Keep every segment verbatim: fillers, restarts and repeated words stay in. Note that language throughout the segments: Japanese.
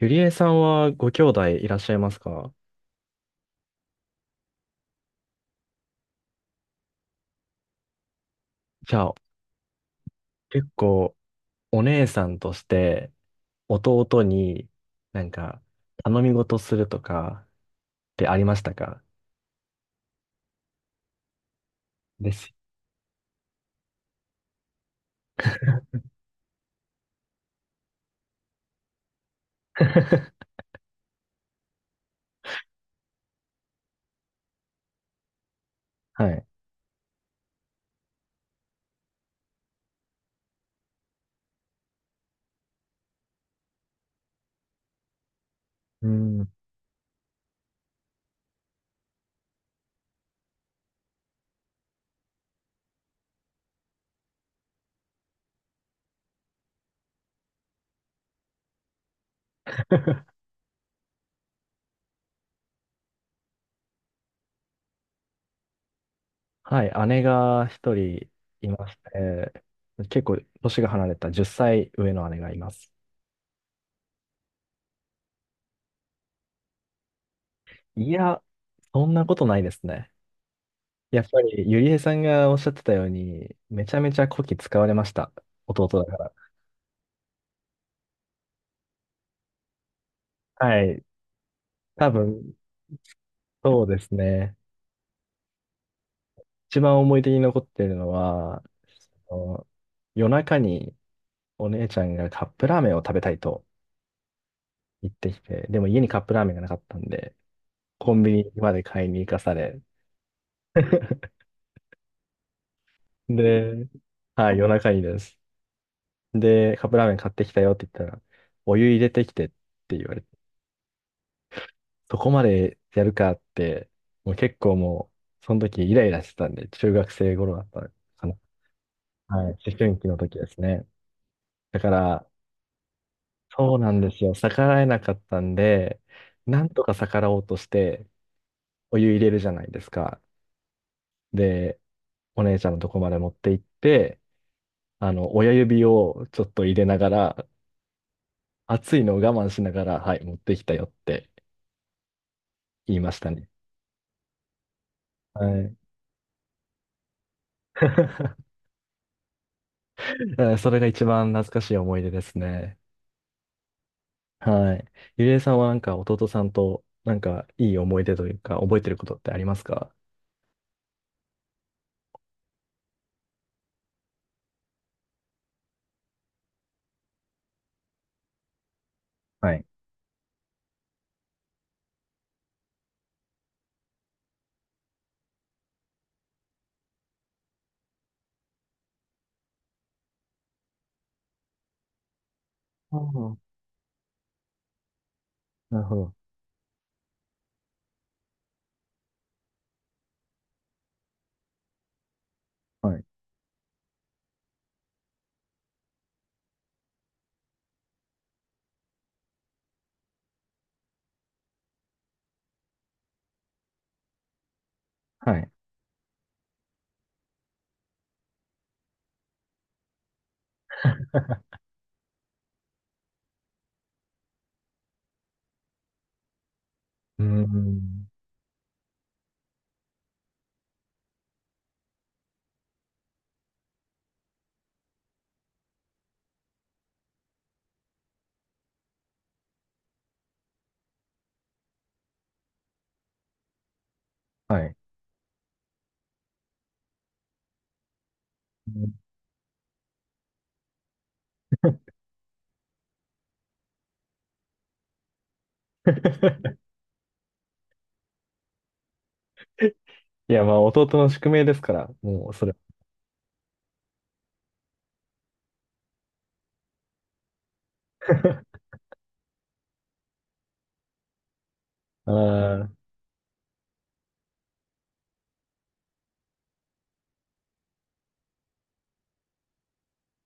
ゆりえさんはご兄弟いらっしゃいますか？じゃあ、結構お姉さんとして弟になんか頼み事するとかってありましたか？です。はい。うん。はい。姉が一人いまして、結構年が離れたじゅっさい上の姉がいます。いや、そんなことないですね。やっぱりゆりえさんがおっしゃってたように、めちゃめちゃこき使われました。弟だから。はい。多分、そうですね。一番思い出に残ってるのは、その夜中にお姉ちゃんがカップラーメンを食べたいと言ってきて、でも家にカップラーメンがなかったんで、コンビニまで買いに行かされ、で、はい、夜中にです。で、カップラーメン買ってきたよって言ったら、お湯入れてきてって言われて、そこまでやるかって、もう結構もう、その時イライラしてたんで、中学生頃だったかな。はい、思春期の時ですね。だから、そうなんですよ。逆らえなかったんで、なんとか逆らおうとして、お湯入れるじゃないですか。で、お姉ちゃんのとこまで持って行って、あの、親指をちょっと入れながら、熱いのを我慢しながら、はい、持ってきたよって言いましたね。はい。えーそれが一番懐かしい思い出ですね。はい。ゆりえさんはなんか弟さんとなんかいい思い出というか、覚えてることってありますか？はい。ああ、なるほど。はい。はい。うーん。うん いや、まあ、弟の宿命ですから、もう、それは。あ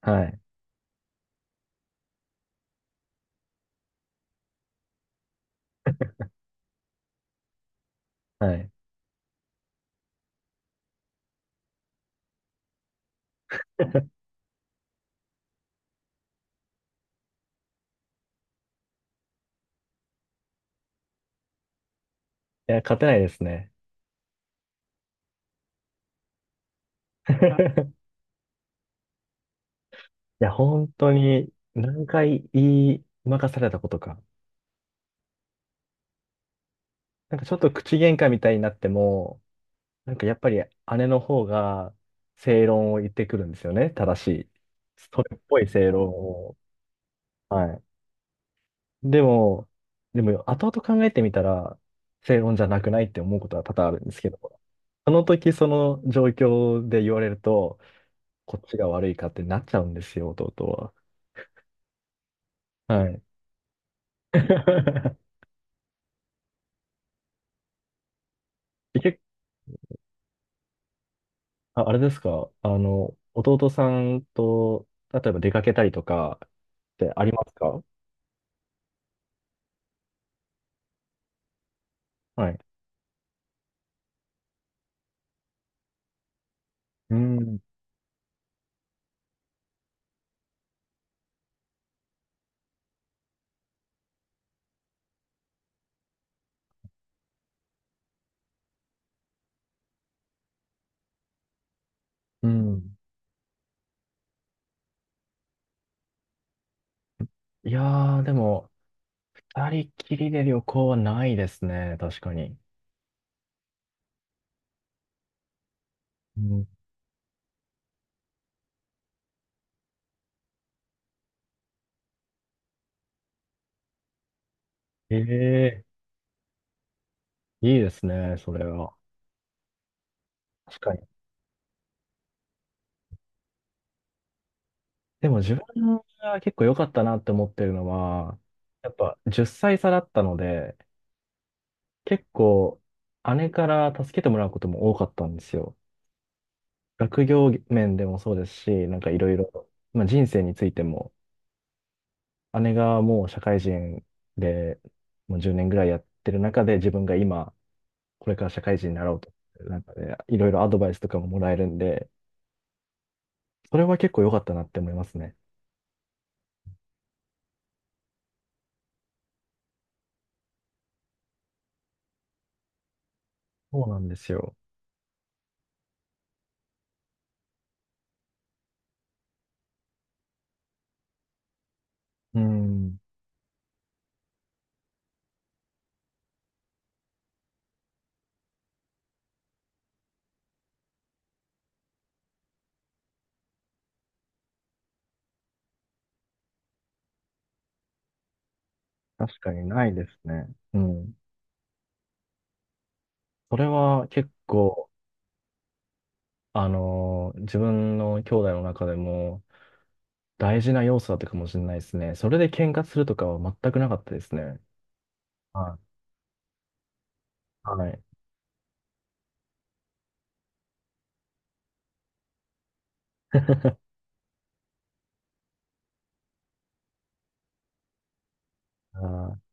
あ、はい、はい。いや、勝てないですね。いや、本当に何回言い任されたことか。なんかちょっと口喧嘩みたいになっても、なんかやっぱり姉の方が正論を言ってくるんですよね。正しい。それっぽい正論を。はい。でも、でも後々考えてみたら正論じゃなくないって思うことは多々あるんですけど。その時その状況で言われると、こっちが悪いかってなっちゃうんですよ、弟は。はい。え結あ、あれですか、あの、弟さんと、例えば出かけたりとかってありますか？はい。うん。うん。いやー、でも、二人きりで旅行はないですね、確かに。うん、ええいいですね、それは。確かに。でも自分が結構良かったなって思ってるのは、やっぱじゅっさい差だったので、結構姉から助けてもらうことも多かったんですよ。学業面でもそうですし、なんかいろいろ、まあ、人生についても、姉がもう社会人でもうじゅうねんぐらいやってる中で、自分が今、これから社会人になろうと、なんかね、いろいろアドバイスとかももらえるんで、それは結構良かったなって思いますね。そうなんですよ。うん、確かにないですね。うん。それは結構、あのー自分の兄弟の中でも大事な要素だったかもしれないですね。それで喧嘩するとかは全くなかったですね。はい。はい。あ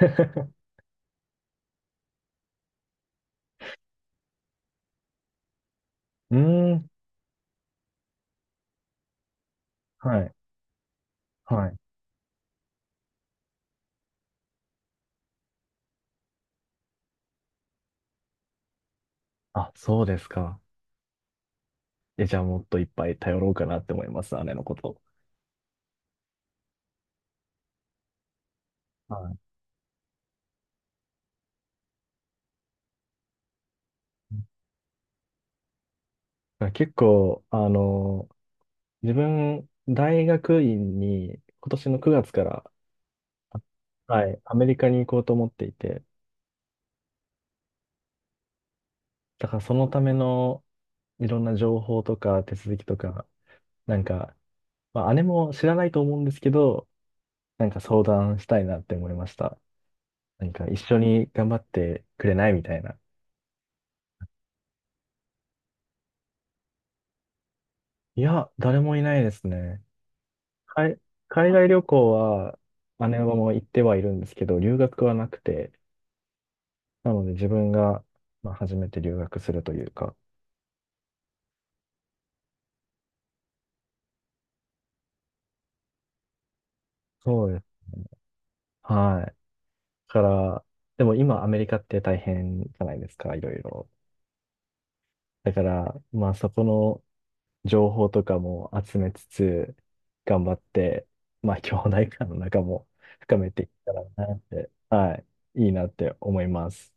ー うーん。はい。はい。あ、そうですか。え、じゃあもっといっぱい頼ろうかなって思います、姉のこと。はい。結構、あの、自分、大学院に今年のくがつから、あはい、アメリカに行こうと思っていて、だからそのための、いろんな情報とか手続きとか、なんか、まあ、姉も知らないと思うんですけど、なんか相談したいなって思いました。なんか一緒に頑張ってくれないみたいな。いや、誰もいないですね。海、海外旅行は姉はもう行ってはいるんですけど、留学はなくて、なので自分が、まあ、初めて留学するというか。そうです。はい。だから、でも今アメリカって大変じゃないですか、いろいろ。だから、まあそこの、情報とかも集めつつ、頑張って、まあ、兄弟間の仲も深めていったらなって、はい、いいなって思います。